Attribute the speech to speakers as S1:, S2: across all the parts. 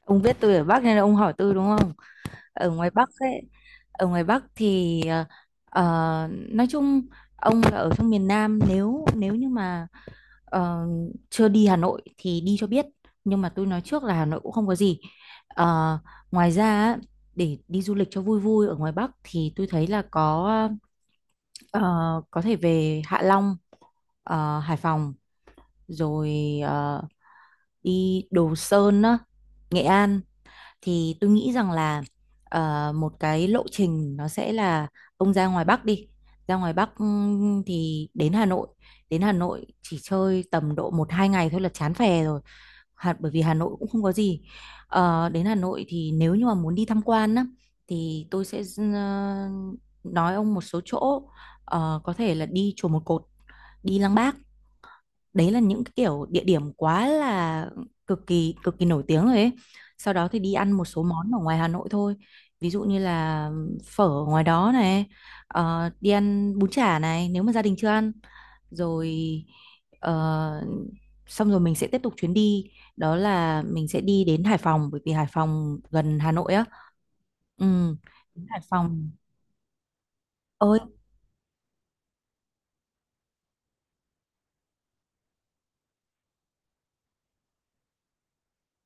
S1: Ông biết tôi ở Bắc nên là ông hỏi tôi đúng không? Ở ngoài Bắc ấy, ở ngoài Bắc thì nói chung ông là ở trong miền Nam, nếu nếu như mà ờ, chưa đi Hà Nội thì đi cho biết. Nhưng mà tôi nói trước là Hà Nội cũng không có gì. Ờ, Ngoài ra á, để đi du lịch cho vui vui ở ngoài Bắc thì tôi thấy là ờ, có thể về Hạ Long, Hải Phòng, rồi đi Đồ Sơn á, Nghệ An, thì tôi nghĩ rằng là một cái lộ trình nó sẽ là ông ra ngoài Bắc, đi ra ngoài Bắc, thì đến Hà Nội. Đến Hà Nội chỉ chơi tầm độ một hai ngày thôi là chán phè rồi. Bởi vì Hà Nội cũng không có gì. Ờ, đến Hà Nội thì nếu như mà muốn đi tham quan á thì tôi sẽ nói ông một số chỗ. Ờ, có thể là đi chùa Một Cột, đi Lăng Bác. Đấy là những cái kiểu địa điểm quá là cực kỳ nổi tiếng rồi ấy. Sau đó thì đi ăn một số món ở ngoài Hà Nội thôi, ví dụ như là phở ở ngoài đó này, đi ăn bún chả này, nếu mà gia đình chưa ăn rồi. ờ, Xong rồi mình sẽ tiếp tục chuyến đi, đó là mình sẽ đi đến Hải Phòng, bởi vì Hải Phòng gần Hà Nội á. Ừ. Đến Hải Phòng. Ơi.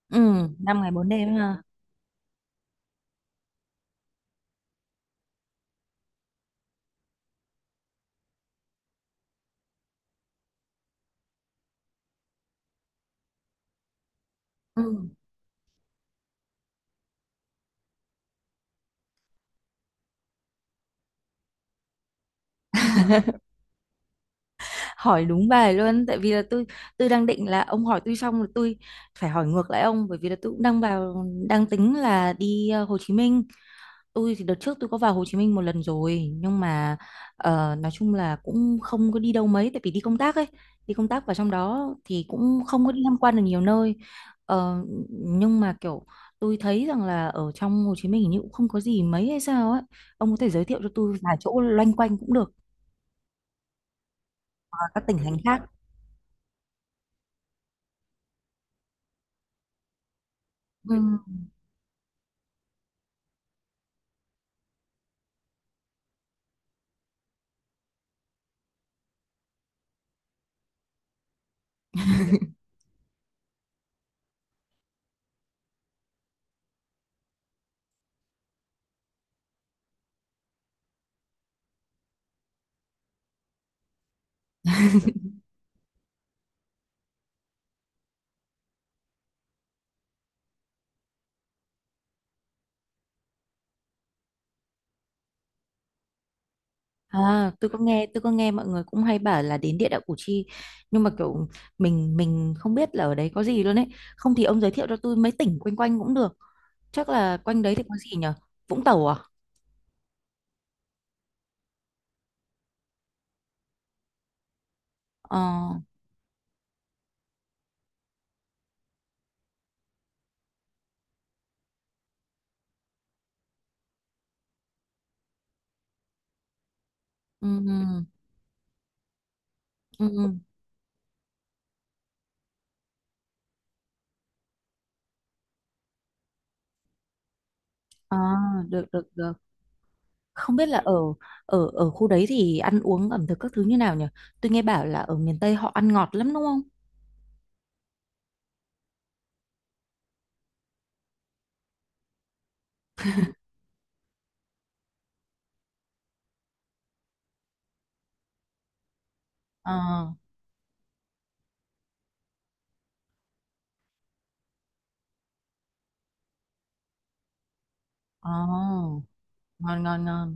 S1: Ừ. 5 ngày 4 đêm ha. Ừ. Hỏi đúng bài luôn, tại vì là tôi đang định là ông hỏi tôi xong rồi tôi phải hỏi ngược lại ông, bởi vì là tôi cũng đang vào, đang tính là đi Hồ Chí Minh. Tôi thì đợt trước tôi có vào Hồ Chí Minh một lần rồi, nhưng mà nói chung là cũng không có đi đâu mấy, tại vì đi công tác ấy. Đi công tác vào trong đó thì cũng không có đi tham quan được nhiều nơi. Ờ, nhưng mà kiểu tôi thấy rằng là ở trong Hồ Chí Minh hình như cũng không có gì mấy hay sao ấy. Ông có thể giới thiệu cho tôi vài chỗ loanh quanh cũng được, ở các tỉnh thành khác. Ừ. À, tôi có nghe mọi người cũng hay bảo là đến địa đạo Củ Chi, nhưng mà kiểu mình không biết là ở đấy có gì luôn ấy. Không thì ông giới thiệu cho tôi mấy tỉnh quanh quanh cũng được. Chắc là quanh đấy thì có gì nhở? Vũng Tàu à? Ờ. Ừ. Ừ. Ừ. À, được, được, được. Không biết là ở, ở khu đấy thì ăn uống ẩm thực các thứ như nào nhở? Tôi nghe bảo là ở miền Tây họ ăn ngọt lắm đúng không? Ờ. Ờ. Ngon, ngon, ngon.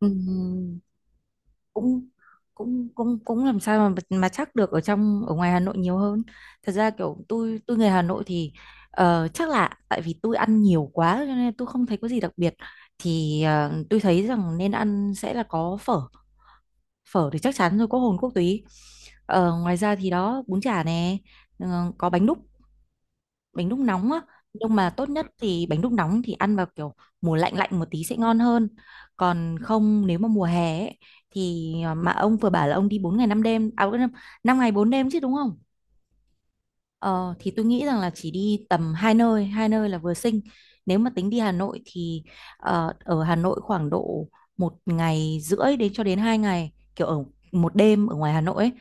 S1: Ừ. cũng cũng cũng cũng làm sao mà chắc được ở trong, ở ngoài Hà Nội nhiều hơn. Thật ra kiểu tôi người Hà Nội thì chắc là tại vì tôi ăn nhiều quá cho nên tôi không thấy có gì đặc biệt. Thì tôi thấy rằng nên ăn sẽ là có phở. Phở thì chắc chắn rồi, có hồn quốc túy. Ờ, ngoài ra thì đó, bún chả nè. Có bánh đúc, bánh đúc nóng á. Nhưng mà tốt nhất thì bánh đúc nóng thì ăn vào kiểu mùa lạnh lạnh một tí sẽ ngon hơn. Còn không nếu mà mùa hè ấy, thì mà ông vừa bảo là ông đi 4 ngày 5 đêm à? 5 ngày 4 đêm chứ đúng không? Ờ, thì tôi nghĩ rằng là chỉ đi tầm hai nơi là vừa xinh. Nếu mà tính đi Hà Nội thì ở Hà Nội khoảng độ một ngày rưỡi đến cho đến 2 ngày, kiểu ở một đêm ở ngoài Hà Nội ấy.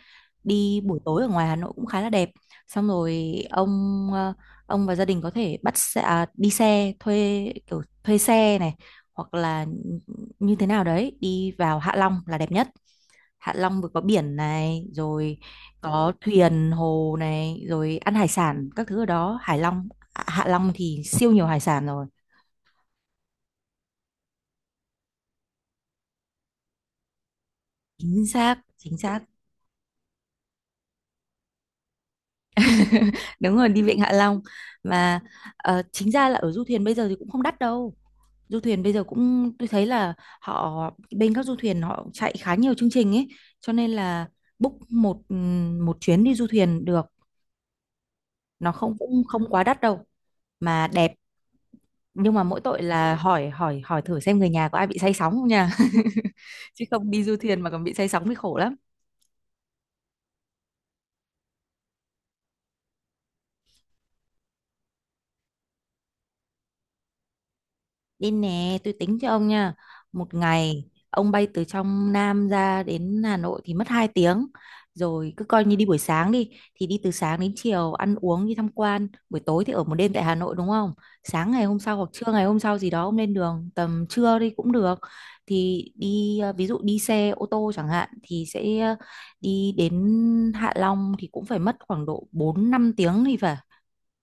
S1: Đi buổi tối ở ngoài Hà Nội cũng khá là đẹp. Xong rồi ông, ông và gia đình có thể bắt xe, à, đi xe thuê, kiểu thuê xe này, hoặc là như thế nào đấy đi vào Hạ Long là đẹp nhất. Hạ Long vừa có biển này, rồi có thuyền hồ này, rồi ăn hải sản các thứ ở đó. Hải Long, à, Hạ Long thì siêu nhiều hải sản rồi. Chính xác, chính xác. Đúng rồi, đi Vịnh Hạ Long mà. Chính ra là ở du thuyền bây giờ thì cũng không đắt đâu. Du thuyền bây giờ cũng tôi thấy là họ, bên các du thuyền họ chạy khá nhiều chương trình ấy, cho nên là book một, một chuyến đi du thuyền được. Nó không, cũng không quá đắt đâu mà đẹp. Nhưng mà mỗi tội là hỏi hỏi hỏi thử xem người nhà có ai bị say sóng không nha. Chứ không đi du thuyền mà còn bị say sóng thì khổ lắm. Đi nè, tôi tính cho ông nha. Một ngày ông bay từ trong Nam ra đến Hà Nội thì mất 2 tiếng. Rồi cứ coi như đi buổi sáng đi, thì đi từ sáng đến chiều ăn uống đi tham quan, buổi tối thì ở một đêm tại Hà Nội đúng không? Sáng ngày hôm sau hoặc trưa ngày hôm sau gì đó ông lên đường tầm trưa đi cũng được. Thì đi, ví dụ đi xe ô tô chẳng hạn thì sẽ, đi đến Hạ Long thì cũng phải mất khoảng độ 4 5 tiếng thì phải.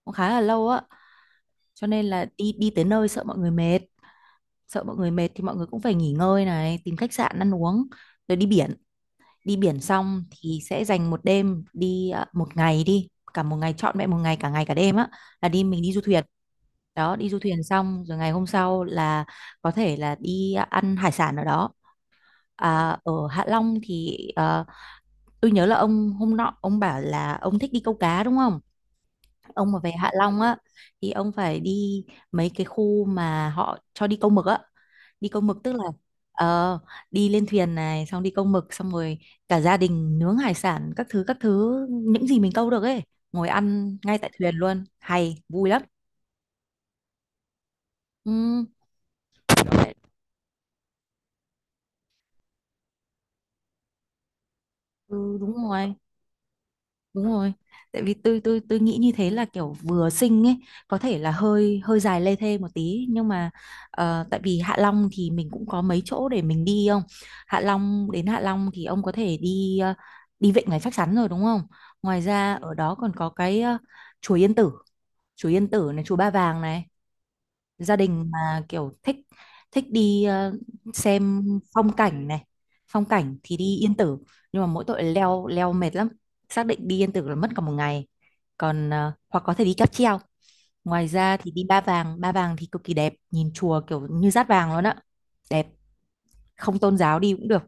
S1: Cũng khá là lâu á. Cho nên là đi, đi tới nơi sợ mọi người mệt, sợ mọi người mệt thì mọi người cũng phải nghỉ ngơi này, tìm khách sạn, ăn uống, rồi đi biển. Đi biển xong thì sẽ dành một đêm đi, à, một ngày đi, cả một ngày, trọn vẹn một ngày, cả ngày cả đêm á, là đi, mình đi du thuyền. Đó, đi du thuyền xong rồi ngày hôm sau là có thể là đi, à, ăn hải sản ở đó. À, ở Hạ Long thì à, tôi nhớ là ông hôm nọ ông bảo là ông thích đi câu cá đúng không? Ông mà về Hạ Long á thì ông phải đi mấy cái khu mà họ cho đi câu mực á. Đi câu mực tức là ờ, đi lên thuyền này, xong đi câu mực xong rồi cả gia đình nướng hải sản các thứ, các thứ những gì mình câu được ấy, ngồi ăn ngay tại thuyền luôn hay vui lắm. Ừ. Ừ, đúng rồi. Đúng rồi. Tại vì tôi nghĩ như thế là kiểu vừa sinh ấy, có thể là hơi hơi dài lê thê một tí nhưng mà tại vì Hạ Long thì mình cũng có mấy chỗ để mình đi không? Hạ Long, đến Hạ Long thì ông có thể đi, đi Vịnh Ngoài Phách Sắn rồi đúng không? Ngoài ra ở đó còn có cái, chùa Yên Tử, chùa Yên Tử này, chùa Ba Vàng này, gia đình mà kiểu thích, thích đi, xem phong cảnh này. Phong cảnh thì đi Yên Tử, nhưng mà mỗi tội leo leo mệt lắm. Xác định đi Yên Tử là mất cả một ngày. Còn hoặc có thể đi cáp treo. Ngoài ra thì đi Ba Vàng. Ba Vàng thì cực kỳ đẹp, nhìn chùa kiểu như dát vàng luôn á. Đẹp. Không tôn giáo đi cũng được.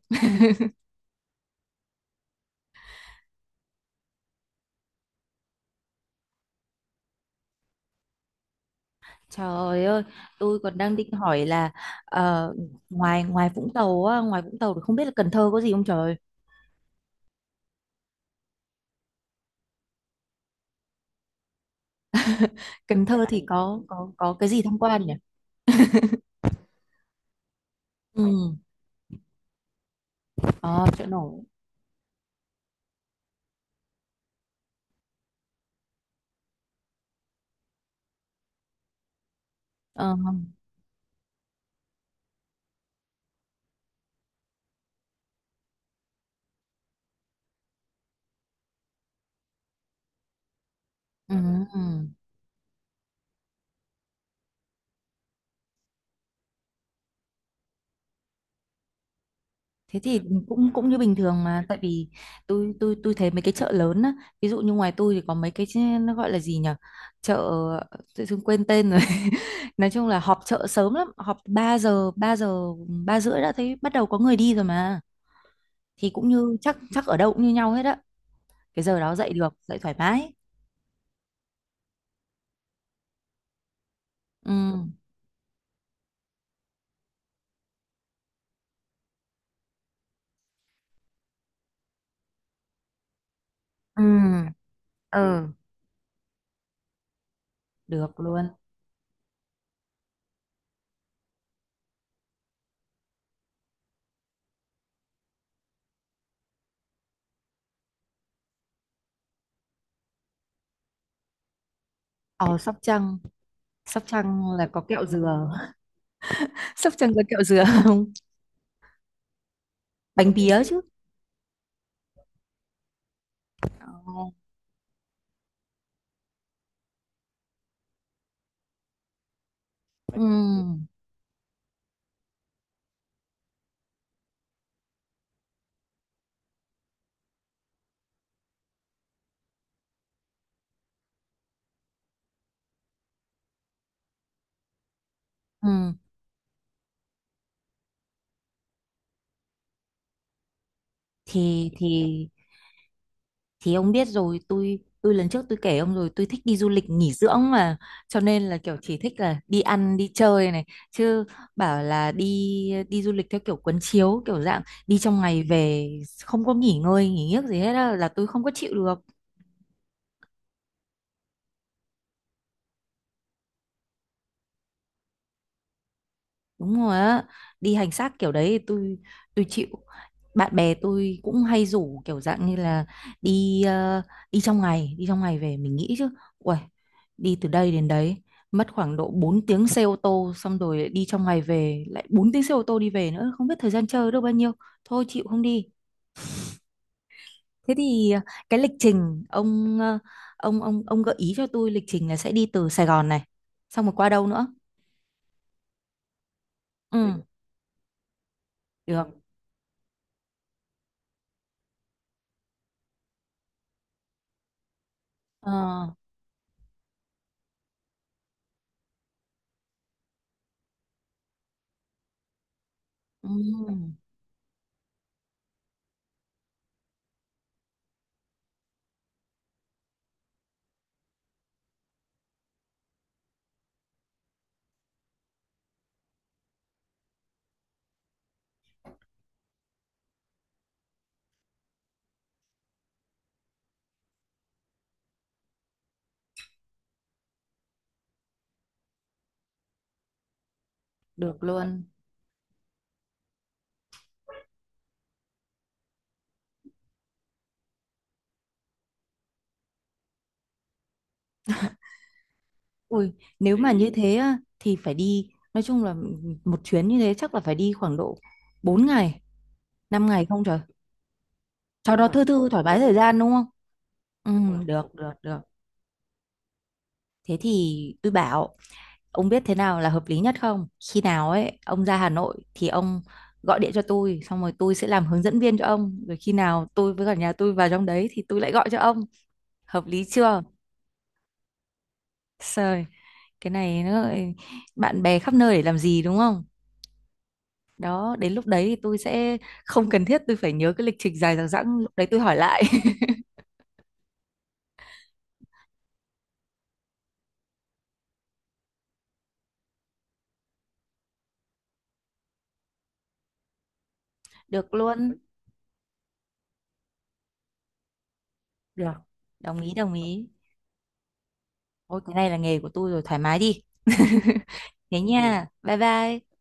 S1: Trời ơi, tôi còn đang định hỏi là ờ, ngoài, ngoài Vũng Tàu thì không biết là Cần Thơ có gì không trời. Cần Thơ thì có cái gì tham quan nhỉ? Ừ. Ờ, chợ nổi. Ờ, ừ, ừ. Thế thì cũng cũng như bình thường mà, tại vì tôi thấy mấy cái chợ lớn á, ví dụ như ngoài tôi thì có mấy cái nó gọi là gì nhỉ? Chợ tự dưng quên tên rồi. Nói chung là họp chợ sớm lắm, họp 3 giờ, 3 rưỡi đã thấy bắt đầu có người đi rồi mà. Thì cũng như chắc chắc ở đâu cũng như nhau hết á. Cái giờ đó dậy được, dậy thoải mái. Ừ. Ừ. Ừ, được luôn. Ờ, Sóc Trăng, Sóc Trăng là có kẹo dừa. Sóc Trăng có kẹo dừa. Bánh pía chứ. Ồ, ừ, ừ. thì thì thì ông biết rồi, tôi lần trước tôi kể ông rồi, tôi thích đi du lịch nghỉ dưỡng mà, cho nên là kiểu chỉ thích là đi ăn đi chơi này, chứ bảo là đi, đi du lịch theo kiểu quấn chiếu kiểu dạng đi trong ngày về, không có nghỉ ngơi nghỉ giấc gì hết á, là tôi không có chịu được. Đúng rồi á. Đi hành xác kiểu đấy thì tôi chịu. Bạn bè tôi cũng hay rủ kiểu dạng như là đi, đi trong ngày về, mình nghĩ chứ, uầy, đi từ đây đến đấy mất khoảng độ 4 tiếng xe ô tô xong rồi lại đi trong ngày về lại 4 tiếng xe ô tô đi về nữa, không biết thời gian chơi được bao nhiêu. Thôi chịu không đi. Thế thì cái lịch trình ông, ông gợi ý cho tôi lịch trình là sẽ đi từ Sài Gòn này xong rồi qua đâu nữa. Ừ. Được. Ờ, ừ, được luôn. Ui, nếu mà như thế á, thì phải đi, nói chung là một chuyến như thế chắc là phải đi khoảng độ 4 ngày, 5 ngày không trời. Cho đúng nó thư thư thoải mái thời gian đúng không? Ừ, đúng rồi, được, được, được. Thế thì tôi bảo, ông biết thế nào là hợp lý nhất không? Khi nào ấy, ông ra Hà Nội thì ông gọi điện cho tôi, xong rồi tôi sẽ làm hướng dẫn viên cho ông. Rồi khi nào tôi với cả nhà tôi vào trong đấy thì tôi lại gọi cho ông. Hợp lý chưa? Trời, cái này nó lại bạn bè khắp nơi để làm gì đúng không? Đó, đến lúc đấy thì tôi sẽ không cần thiết tôi phải nhớ cái lịch trình dài dằng dẵng. Lúc đấy tôi hỏi lại. Được luôn. Được. Đồng ý, đồng ý. Ôi cái này là nghề của tôi rồi, thoải mái đi. Thế nha, bye bye.